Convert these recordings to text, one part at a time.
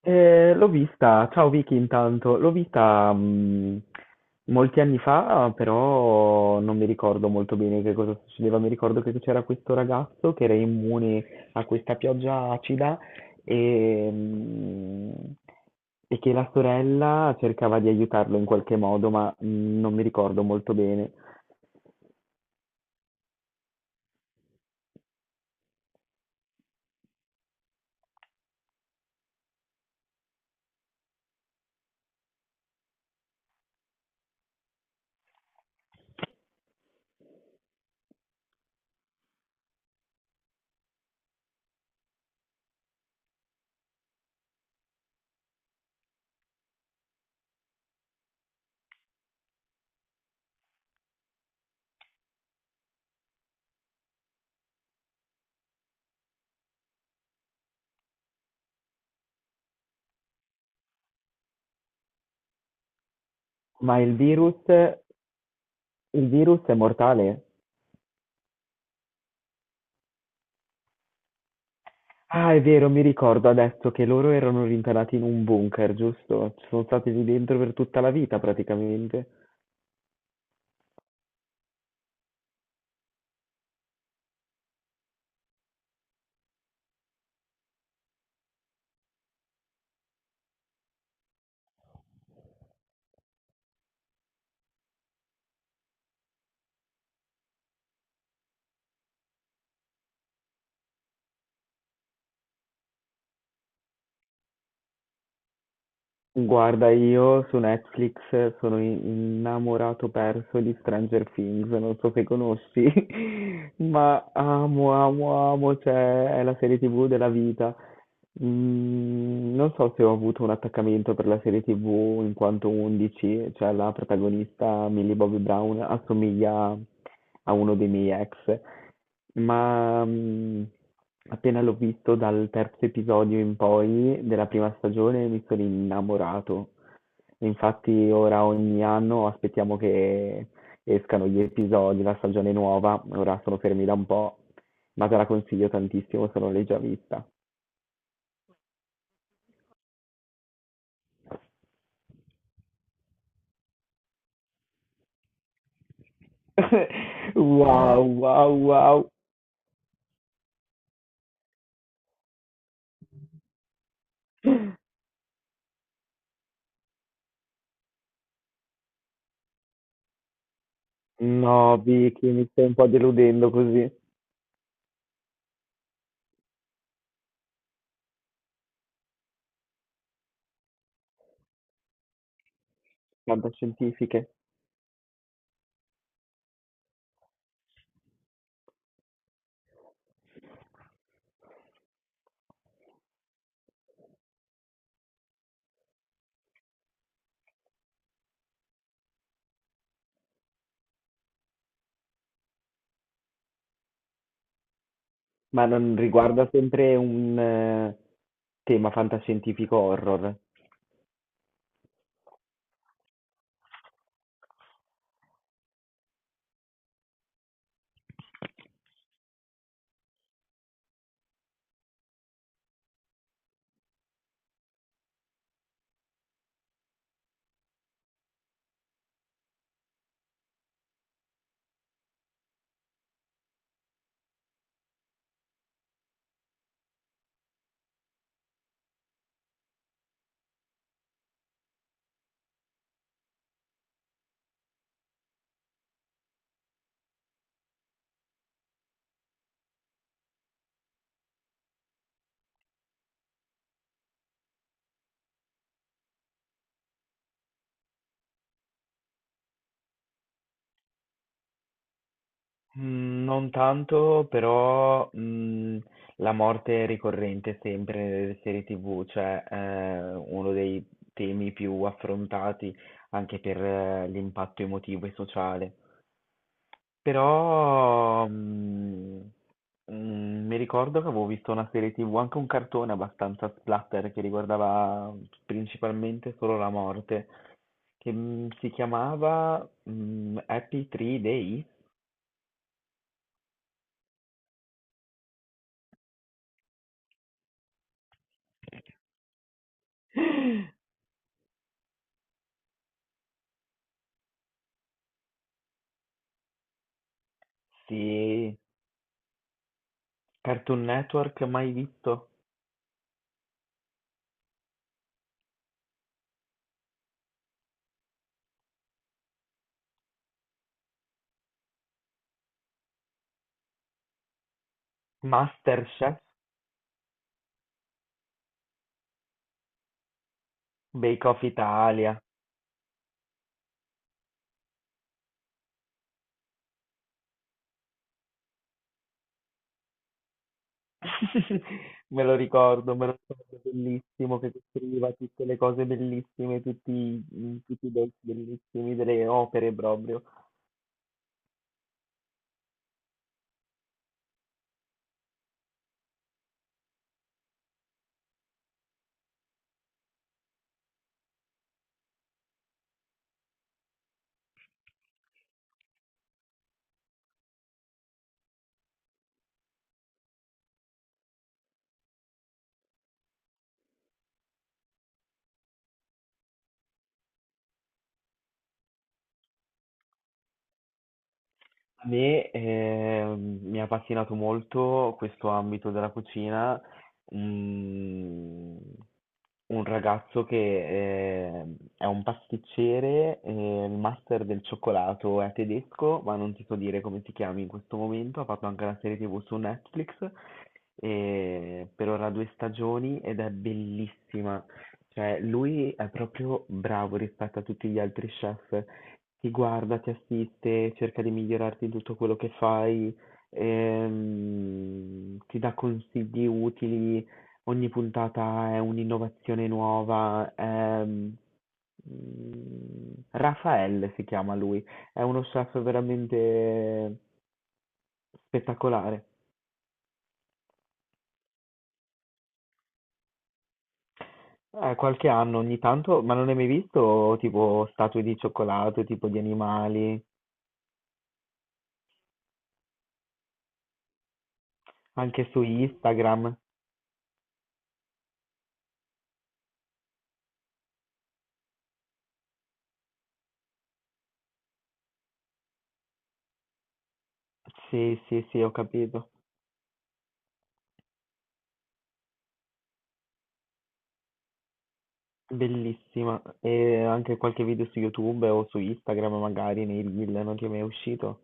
L'ho vista, ciao Vicky intanto, l'ho vista molti anni fa, però non mi ricordo molto bene che cosa succedeva, mi ricordo che c'era questo ragazzo che era immune a questa pioggia acida e, mh, e che la sorella cercava di aiutarlo in qualche modo, ma non mi ricordo molto bene. Ma il virus è mortale? Ah, è vero, mi ricordo adesso che loro erano rintanati in un bunker, giusto? Ci sono stati lì dentro per tutta la vita praticamente. Guarda, io su Netflix sono innamorato perso di Stranger Things, non so se conosci, ma amo, amo, amo, cioè è la serie TV della vita. Non so se ho avuto un attaccamento per la serie TV in quanto 11, cioè la protagonista Millie Bobby Brown assomiglia a uno dei miei ex, ma, mhmm, appena l'ho visto dal terzo episodio in poi della prima stagione mi sono innamorato. Infatti ora ogni anno aspettiamo che escano gli episodi, la stagione nuova, ora sono fermi da un po', ma te la consiglio tantissimo se non l'hai già vista. Wow, wow, wow. No, Vicky, mi stai un po' deludendo così. Fantascientifiche. Ma non riguarda sempre un tema fantascientifico horror. Mm, non tanto, però la morte è ricorrente sempre nelle serie TV, cioè uno dei temi più affrontati anche per l'impatto emotivo e sociale. Però, mhmm, mi ricordo che avevo visto una serie TV, anche un cartone abbastanza splatter che riguardava principalmente solo la morte, si chiamava, Happy Tree Day? Sì, Cartoon Network, mai visto? MasterChef, Bake Off Italia. Me lo ricordo bellissimo che costruiva tutte le cose bellissime, tutti, tutti i dolci bellissimi delle opere proprio. A me, mi ha appassionato molto questo ambito della cucina, un, un ragazzo che è un pasticcere, il master del cioccolato è tedesco, ma non ti so dire come si chiami in questo momento, ha fatto anche una serie TV su Netflix, per ora due stagioni ed è bellissima. Cioè, lui è proprio bravo rispetto a tutti gli altri chef. Ti guarda, ti assiste, cerca di migliorarti in tutto quello che fai, ti dà consigli utili, ogni puntata è un'innovazione nuova. Raffaele si chiama lui, è uno chef veramente spettacolare. Qualche anno ogni tanto, ma non hai mai visto tipo statue di cioccolato, tipo di animali, anche su Instagram? Sì, sì, sì, ho capito. Bellissima. E anche qualche video su YouTube o su Instagram magari, nei reel, non ti è mai uscito?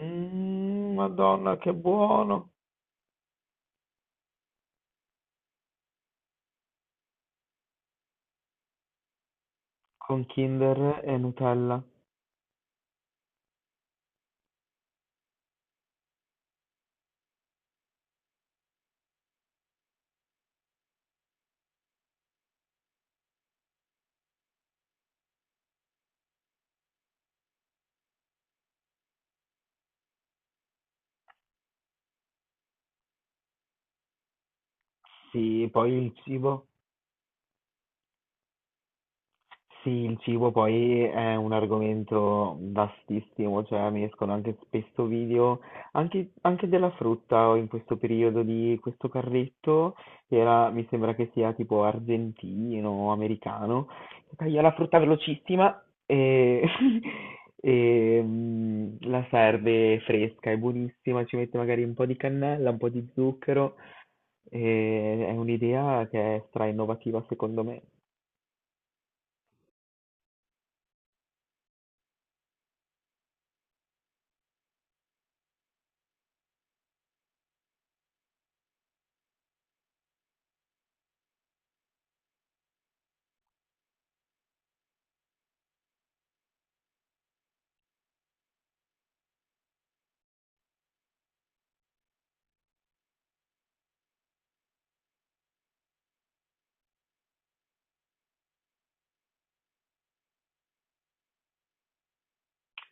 Mmm, Madonna, che buono! Con Kinder e Nutella. Sì, poi il cibo. Sì, il cibo poi è un argomento vastissimo, cioè mi escono anche spesso video, anche della frutta o in questo periodo di questo carretto, che era, mi sembra che sia tipo argentino o americano, che taglia la frutta velocissima e, la serve fresca, è buonissima, ci mette magari un po' di cannella, un po' di zucchero, e è un'idea che è stra innovativa secondo me.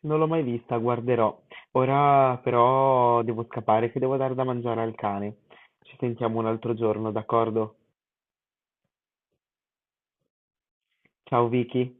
Non l'ho mai vista, guarderò. Ora però devo scappare che devo dare da mangiare al cane. Ci sentiamo un altro giorno, d'accordo? Ciao Vicky.